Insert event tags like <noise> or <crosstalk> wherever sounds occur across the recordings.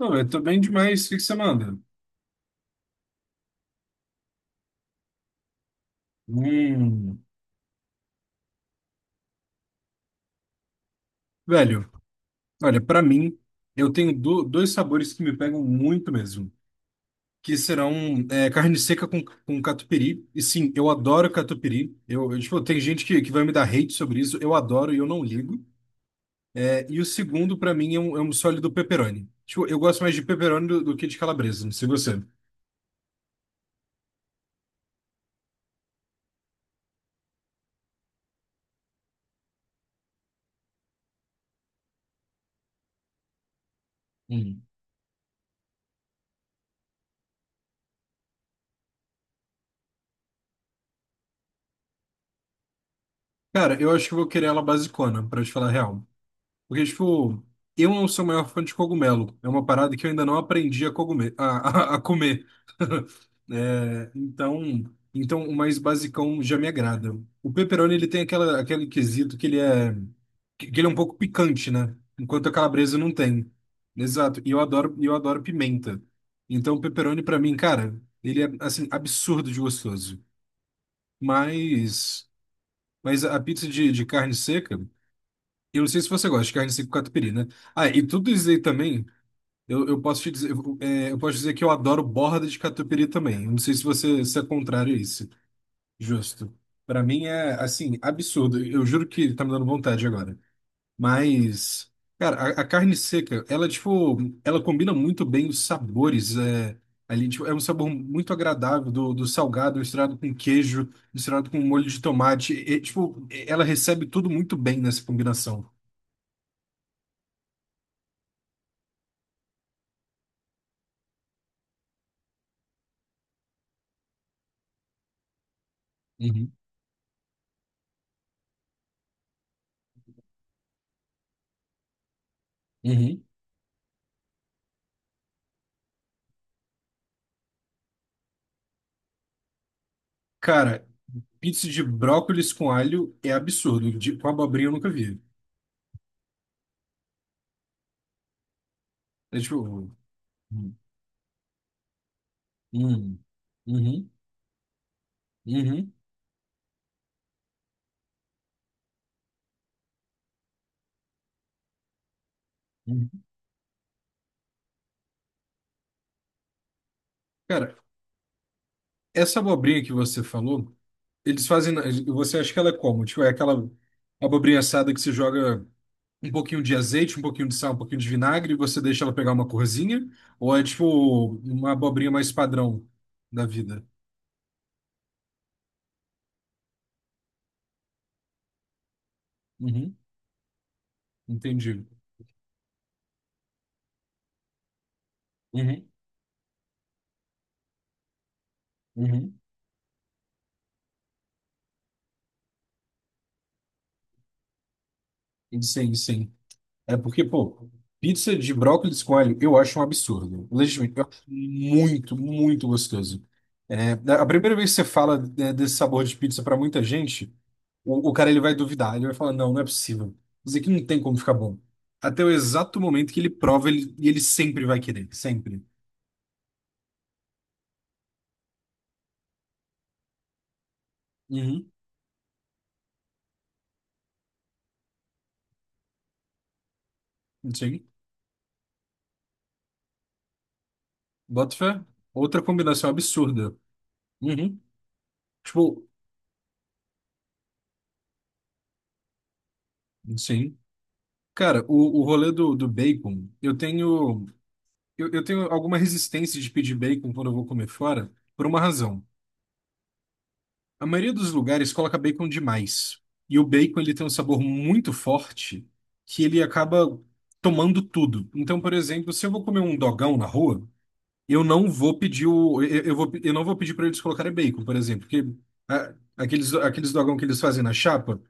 Não, eu tô bem demais. O que que você manda? Hum, velho, olha, pra mim, eu tenho dois sabores que me pegam muito mesmo, que serão carne seca com catupiry. E sim, eu adoro catupiry. Tipo, tem gente que vai me dar hate sobre isso. Eu adoro e eu não ligo. É, e o segundo, pra mim, é um sólido pepperoni. Tipo, eu gosto mais de pepperoni do que de calabresa, não sei você. Hum. Cara, eu acho que eu vou querer ela basicona, pra te falar a real. Porque, tipo, eu não sou o maior fã de cogumelo. É uma parada que eu ainda não aprendi a, cogume- a comer. <laughs> É, então, então, o mais basicão já me agrada. O pepperoni, aquele quesito que que ele é um pouco picante, né? Enquanto a calabresa não tem. Exato. E eu adoro pimenta. Então, o pepperoni, pra mim, cara, ele é, assim, absurdo de gostoso. Mas, mas a pizza de carne seca. Eu não sei se você gosta de carne seca com catupiry, né? Ah, e tudo isso aí também, eu posso te dizer, eu posso dizer que eu adoro borda de catupiry também. Eu não sei se é contrário a isso. Justo. Pra mim é, assim, absurdo. Eu juro que tá me dando vontade agora. Mas, cara, a carne seca, ela, tipo, ela combina muito bem os sabores. É, ali, tipo, é um sabor muito agradável do salgado misturado com queijo, misturado com molho de tomate. E, tipo, ela recebe tudo muito bem nessa combinação. Uhum. Cara, pizza de brócolis com alho é absurdo. De, com abobrinha eu nunca vi. É tipo, uhum. Uhum. Uhum. Uhum. Uhum. Cara, essa abobrinha que você falou, eles fazem. na- Você acha que ela é como? Tipo, é aquela abobrinha assada que você joga um pouquinho de azeite, um pouquinho de sal, um pouquinho de vinagre e você deixa ela pegar uma corzinha? Ou é tipo uma abobrinha mais padrão da vida? Uhum. Entendi. Uhum. Uhum. Sim, sim. É porque, pô, pizza de brócolis com alho eu acho um absurdo. Legitimamente, eu acho muito, muito gostoso. É, a primeira vez que você fala desse sabor de pizza pra muita gente, o cara ele vai duvidar, ele vai falar, não, não é possível. Isso aqui não tem como ficar bom. Até o exato momento que ele prova, e ele sempre vai querer, sempre. Uhum, sim. Bota fé. Outra combinação absurda. Uhum. Tipo, sim. Cara, o rolê do bacon, eu tenho. Eu tenho alguma resistência de pedir bacon quando eu vou comer fora, por uma razão. A maioria dos lugares coloca bacon demais. E o bacon ele tem um sabor muito forte que ele acaba tomando tudo. Então, por exemplo, se eu vou comer um dogão na rua, eu não vou pedir para eles colocarem bacon, por exemplo, porque ah, aqueles aqueles dogão que eles fazem na chapa.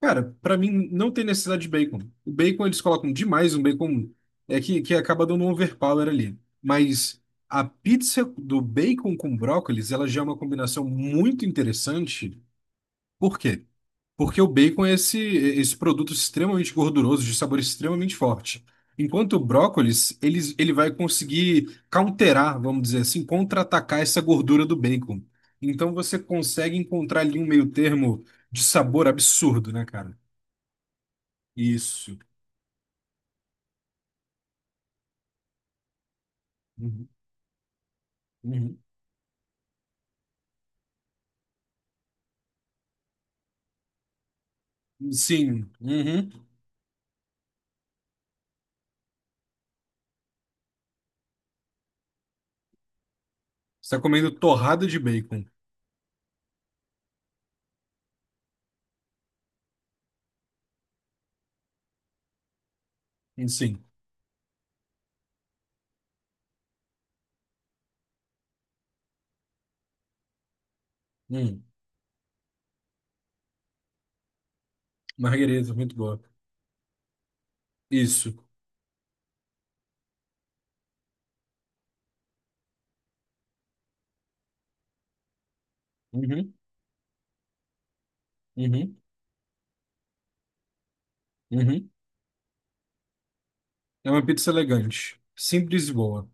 Cara, pra mim não tem necessidade de bacon. O bacon eles colocam demais, um bacon que acaba dando um overpower ali. Mas a pizza do bacon com brócolis, ela já é uma combinação muito interessante. Por quê? Porque o bacon é esse, esse produto extremamente gorduroso, de sabor extremamente forte. Enquanto o brócolis, ele vai conseguir counterar, vamos dizer assim, contra-atacar essa gordura do bacon. Então você consegue encontrar ali um meio termo de sabor absurdo, né, cara? Isso. Uhum, uhum. Sim. Uhum. Você está comendo torrada de bacon. Sim. Hum. Marguerita, muito boa. Isso. Uhum, uhum, uhum. É uma pizza elegante. Simples e boa.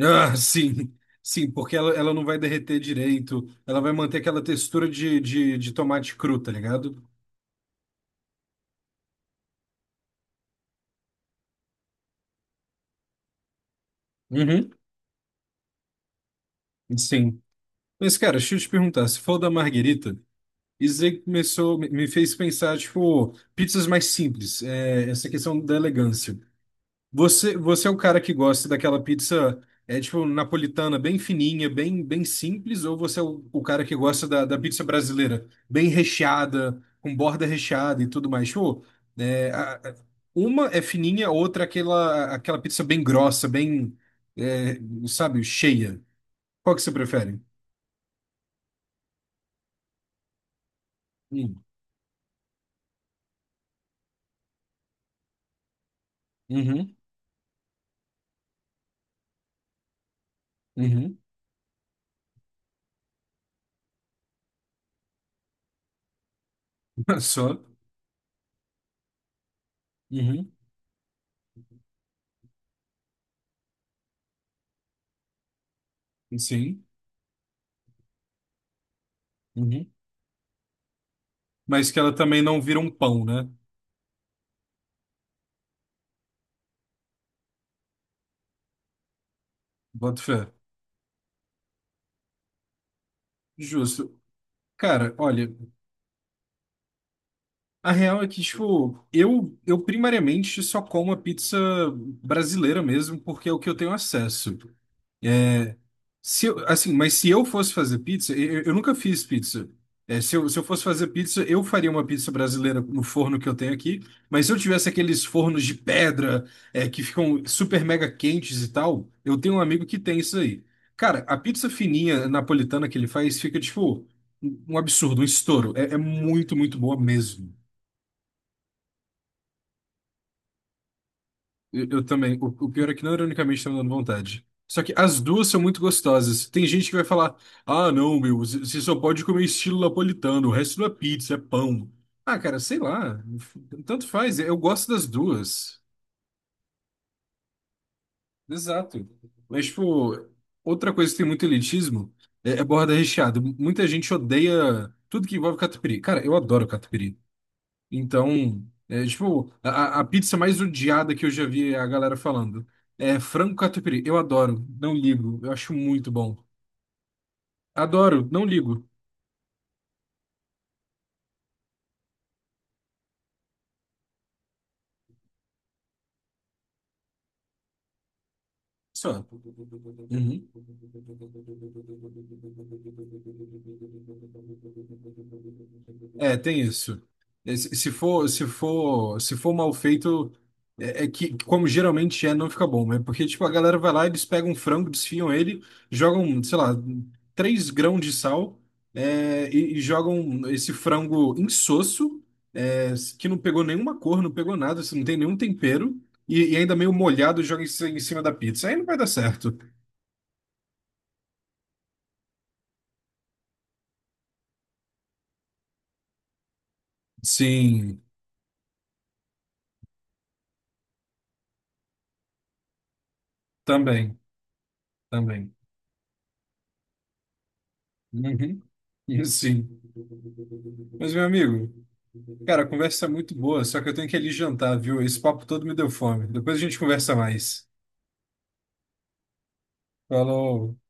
Ah, <laughs> sim. Sim, porque ela não vai derreter direito. Ela vai manter aquela textura de tomate cru, tá ligado? Uhum. Sim. Mas, cara, deixa eu te perguntar. Se for da Marguerita, isso aí começou, me fez pensar, tipo, pizzas mais simples, é, essa questão da elegância. Você é o cara que gosta daquela pizza, é, tipo, napolitana, bem fininha, bem, bem simples, ou você é o cara que gosta da pizza brasileira, bem recheada, com borda recheada e tudo mais? Tipo, é, a- a- uma é fininha, a outra é aquela, aquela pizza bem grossa, bem, é, sabe, cheia. Qual que você prefere? Hum. Uhum, uhum. <laughs> Só. Uhum. Sim. Uhum. Mas que ela também não vira um pão, né? Boto fé. Justo. Cara, olha, a real é que, tipo, eu primariamente só como a pizza brasileira mesmo, porque é o que eu tenho acesso. Se eu- assim, mas se eu fosse fazer pizza, eu nunca fiz pizza. É, se eu fosse fazer pizza, eu faria uma pizza brasileira no forno que eu tenho aqui. Mas se eu tivesse aqueles fornos de pedra, é, que ficam super mega quentes e tal, eu tenho um amigo que tem isso aí. Cara, a pizza fininha napolitana que ele faz fica, tipo, um absurdo, um estouro. É, é muito, muito boa mesmo. Eu também. O pior é que não ironicamente tá me dando vontade. Só que as duas são muito gostosas. Tem gente que vai falar: ah, não, meu, você só pode comer estilo napolitano, o resto não é pizza, é pão. Ah, cara, sei lá. Tanto faz, eu gosto das duas. Exato. Mas, tipo, outra coisa que tem muito elitismo é borda recheada. Muita gente odeia tudo que envolve catupiry. Cara, eu adoro catupiry. Então, é, tipo, a pizza mais odiada que eu já vi a galera falando é frango catupiry. Eu adoro, não ligo, eu acho muito bom. Adoro, não ligo. Funciona. Uhum. É, tem isso. É, se for, se for, se for mal feito, é, é que, como geralmente é, não fica bom, né? Porque, tipo, a galera vai lá, eles pegam um frango, desfiam ele, jogam, sei lá, três grãos de sal, é, e jogam esse frango insosso, é, que não pegou nenhuma cor, não pegou nada, assim, não tem nenhum tempero. E ainda meio molhado joga em cima da pizza. Aí não vai dar certo. Sim, também, também. Uhum, <laughs> sim. Mas, meu amigo, cara, a conversa é muito boa, só que eu tenho que ir ali jantar, viu? Esse papo todo me deu fome. Depois a gente conversa mais. Falou.